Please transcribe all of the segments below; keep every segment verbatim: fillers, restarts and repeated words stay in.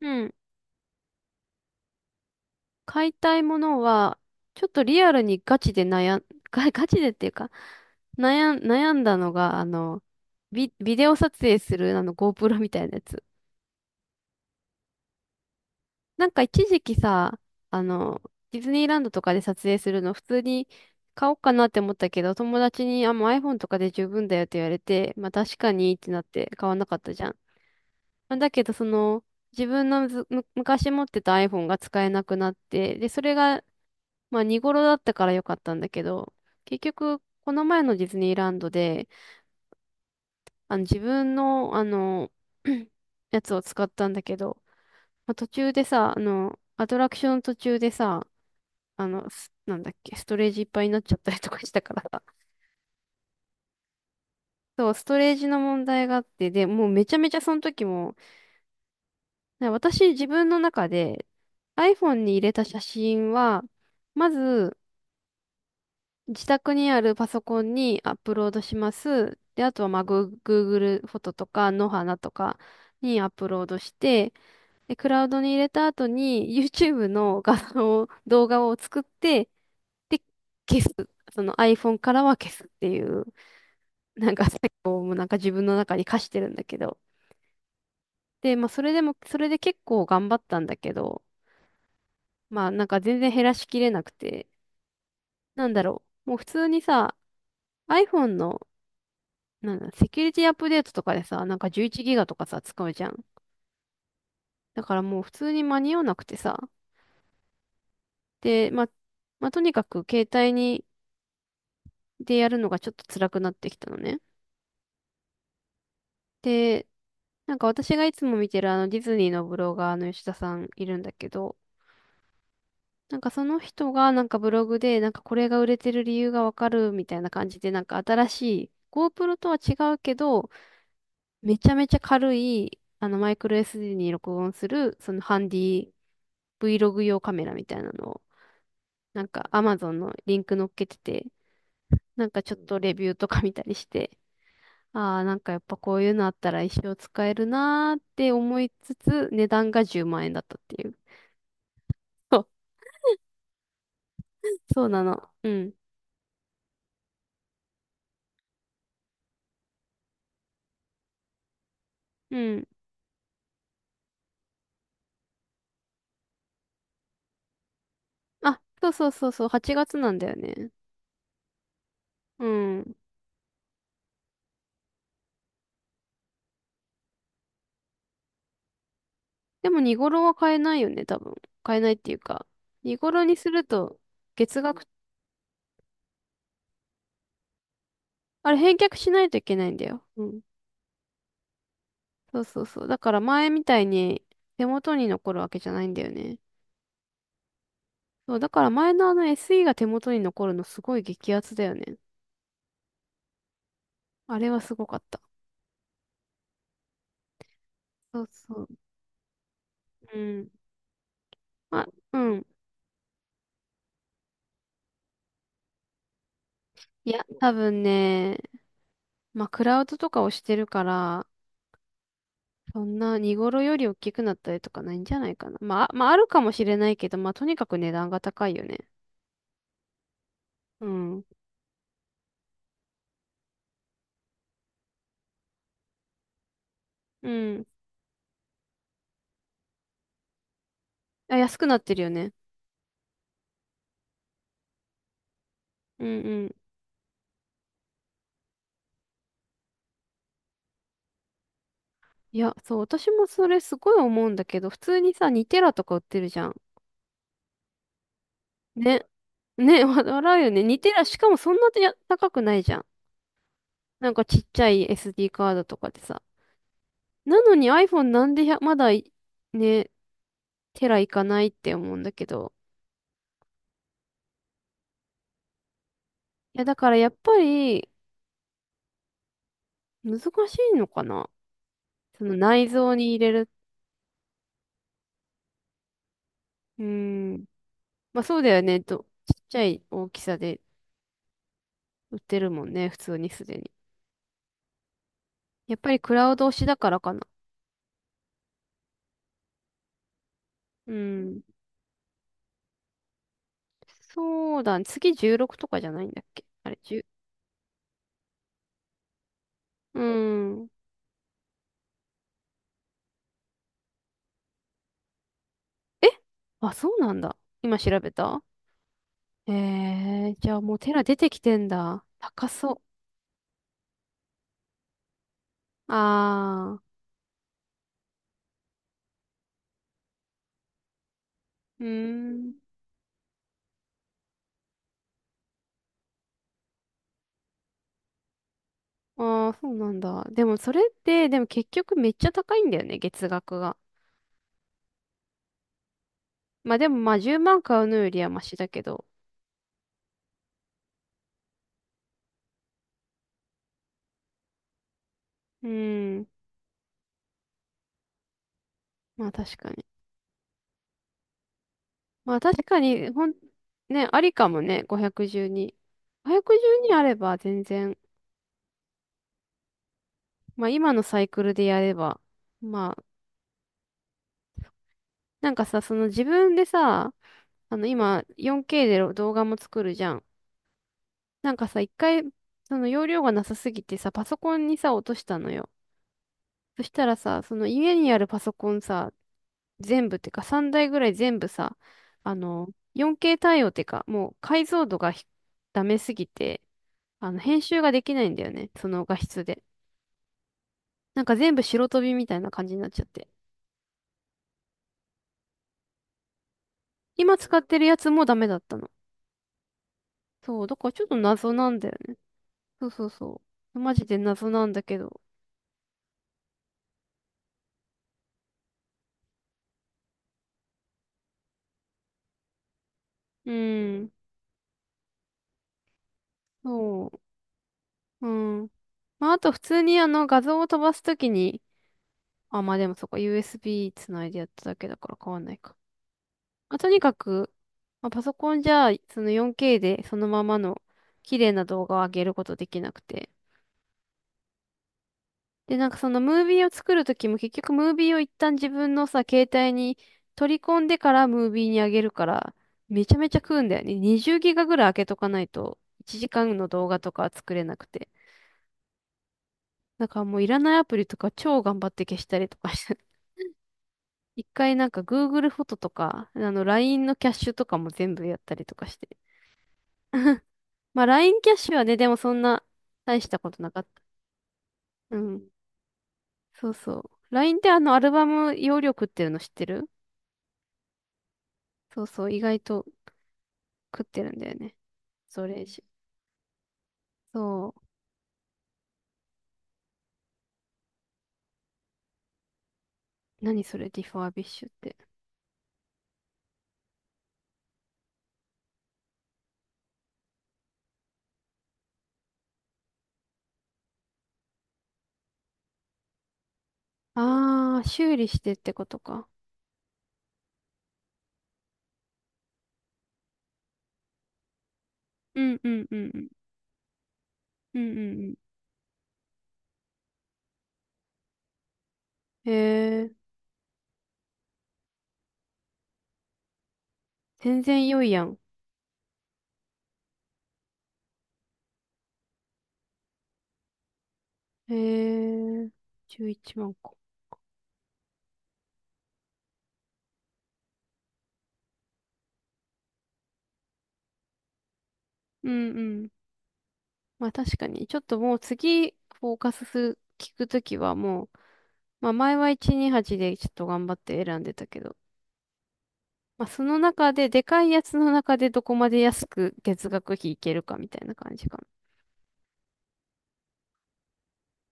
うん。買いたいものは、ちょっとリアルにガチで悩ん、ガ、ガチでっていうか、悩ん、悩んだのが、あの、ビ、ビデオ撮影する、あの、GoPro みたいなやつ。なんか一時期さ、あの、ディズニーランドとかで撮影するの普通に買おうかなって思ったけど、友達に、あ、もう iPhone とかで十分だよって言われて、まあ確かにってなって買わなかったじゃん。まあだけど、その、自分のずむ昔持ってた iPhone が使えなくなって、で、それがまあ見頃だったから良かったんだけど、結局、この前のディズニーランドで、あの自分の、あの、やつを使ったんだけど、まあ、途中でさ、あの、アトラクション途中でさ、あの、すなんだっけ、ストレージいっぱいになっちゃったりとかしたからさ。そう、ストレージの問題があって、で、もうめちゃめちゃその時も、な私自分の中で iPhone に入れた写真は、まず、自宅にあるパソコンにアップロードします。で、あとはまあ、グー Google フォトとか、野花とかにアップロードして、で、クラウドに入れた後に YouTube の画像を、動画を作って、で、消す。その iPhone からは消すっていう、なんか結構もうなんか自分の中に課してるんだけど。で、まあ、それでも、それで結構頑張ったんだけど、まあ、なんか全然減らしきれなくて、なんだろう。もう普通にさ、iPhone のなんだ、セキュリティアップデートとかでさ、なんかじゅういちギガとかさ、使うじゃん。だからもう普通に間に合わなくてさ。で、まあ、まあ、とにかく携帯に、でやるのがちょっと辛くなってきたのね。で、なんか私がいつも見てるあのディズニーのブロガーの吉田さんいるんだけど、なんかその人がなんかブログでなんかこれが売れてる理由がわかるみたいな感じでなんか新しい GoPro とは違うけど、めちゃめちゃ軽いあのマイクロ エスディー に録音するそのハンディ Vlog 用カメラみたいなのを、なんか Amazon のリンク載っけてて、なんかちょっとレビューとか見たりして、ああ、なんかやっぱこういうのあったら一生使えるなーって思いつつ、値段がじゅうまんえん円だったっていう。そう、そうなの。うん。うん。あ、そうそうそうそう、はちがつなんだよね。うん。でも見頃は買えないよね、多分。買えないっていうか。見頃にすると、月額、あれ返却しないといけないんだよ。うん、そうそうそう。だから前みたいに手元に残るわけじゃないんだよね。そう、だから前のあの エスイー が手元に残るのすごい激アツだよね。あれはすごかった。そうそう。うん。ま、うん。いや、多分ね、まあ、クラウドとかをしてるから、そんな荷頃より大きくなったりとかないんじゃないかな。まあ、あまあ、あるかもしれないけど、まあ、とにかく値段が高いよね。うん。うん。あ、安くなってるよね。うんうん。いや、そう、私もそれすごい思うんだけど、普通にさ、にテラとか売ってるじゃん。ね、ね、わ笑うよね。似てら、しかもそんなに高くないじゃん。なんかちっちゃい エスディー カードとかでさ。なのに iPhone なんで、いちまだい、ね、テラいかないって思うんだけど。いや、だからやっぱり難しいのかな。その内蔵に入れる。うーん。まあそうだよね。と、ちっちゃい大きさで売ってるもんね。普通にすでに。やっぱりクラウド推しだからかな。うん。そうだね。次、じゅうろくとかじゃないんだっけ、あれ、じゅう？うん。えあ、そうなんだ。今調べた？えー、じゃあもうテラ出てきてんだ。高そう。あー、うーん。あー、そうなんだ。でもそれって、でも結局めっちゃ高いんだよね、月額が。まあでもまあじゅうまん買うのよりはマシだけど。うーん。まあ確かに。まあ確かに、ほん、ね、ありかもね、ごひゃくじゅうに。ごひゃくじゅうにあれば全然、まあ今のサイクルでやれば、まあ、なんかさ、その自分でさ、あの今 よんケー で動画も作るじゃん。なんかさ、一回、その容量がなさすぎてさ、パソコンにさ、落としたのよ。そしたらさ、その家にあるパソコンさ、全部ってかさんだいぐらい全部さ、あの、よんケー 対応ってか、もう解像度がひダメすぎて、あの、編集ができないんだよね。その画質で。なんか全部白飛びみたいな感じになっちゃって。今使ってるやつもダメだったの。そう、だからちょっと謎なんだよね。そうそうそう。マジで謎なんだけど。うん。そう。うん。まあ、あと普通にあの画像を飛ばすときに、あ、まあでもそこ ユーエスビー つないでやっただけだから変わんないか。まあ、とにかく、まあ、パソコンじゃその よんケー でそのままの綺麗な動画を上げることできなくて。で、なんかそのムービーを作るときも結局ムービーを一旦自分のさ、携帯に取り込んでからムービーにあげるから、めちゃめちゃ食うんだよね。にじゅうギガぐらい開けとかないと、いちじかんの動画とかは作れなくて。だからもういらないアプリとか超頑張って消したりとかして。一回なんか Google フォトとか、あの ライン のキャッシュとかも全部やったりとかして。まあ ライン キャッシュはね、でもそんな大したことなかった。うん。そうそう。ライン ってあのアルバム容量食ってるの知ってる？そうそう、意外と食ってるんだよね。そう、レジ。そう。何それ、ディファービッシュって。あー、修理してってことか。うんうんうんうん。うんうんうん。へえ、全然良いやん。へえ、じゅういちまん個。うんうん。まあ確かに、ちょっともう次、フォーカスする、聞くときはもう、まあ前はひゃくにじゅうはちでちょっと頑張って選んでたけど、まあその中で、でかいやつの中でどこまで安く月額費いけるかみたいな感じか。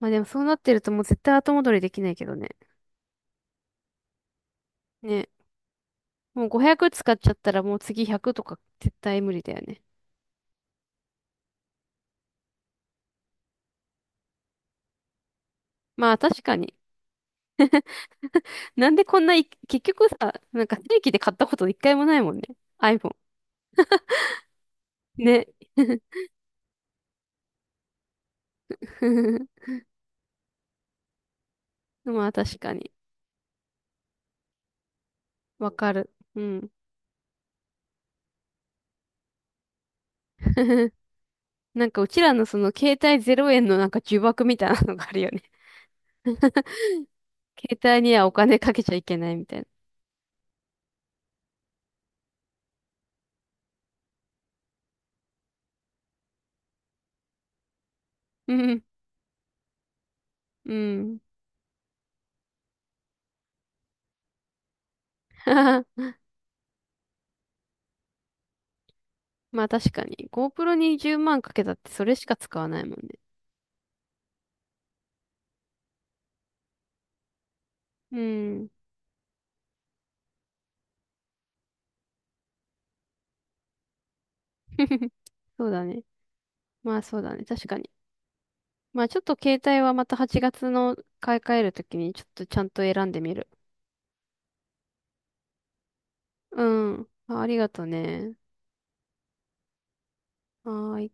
まあでもそうなってるともう絶対後戻りできないけどね。ね。もうごひゃく使っちゃったらもう次ひゃくとか絶対無理だよね。まあ確かに。なんでこんない結局さ、なんか正規で買ったこと一回もないもんね。iPhone。ね。まあ確かに。わかる。うん。なんかうちらのその携帯ゼロえんのなんか呪縛みたいなのがあるよね。携帯にはお金かけちゃいけないみたいな。うん。うん。まあ確かに。GoPro にじゅうまんかけたってそれしか使わないもんね。うん。そうだね。まあそうだね。確かに。まあちょっと携帯はまたはちがつの買い替えるときにちょっとちゃんと選んでみる。うん。あ、ありがとね。はーい。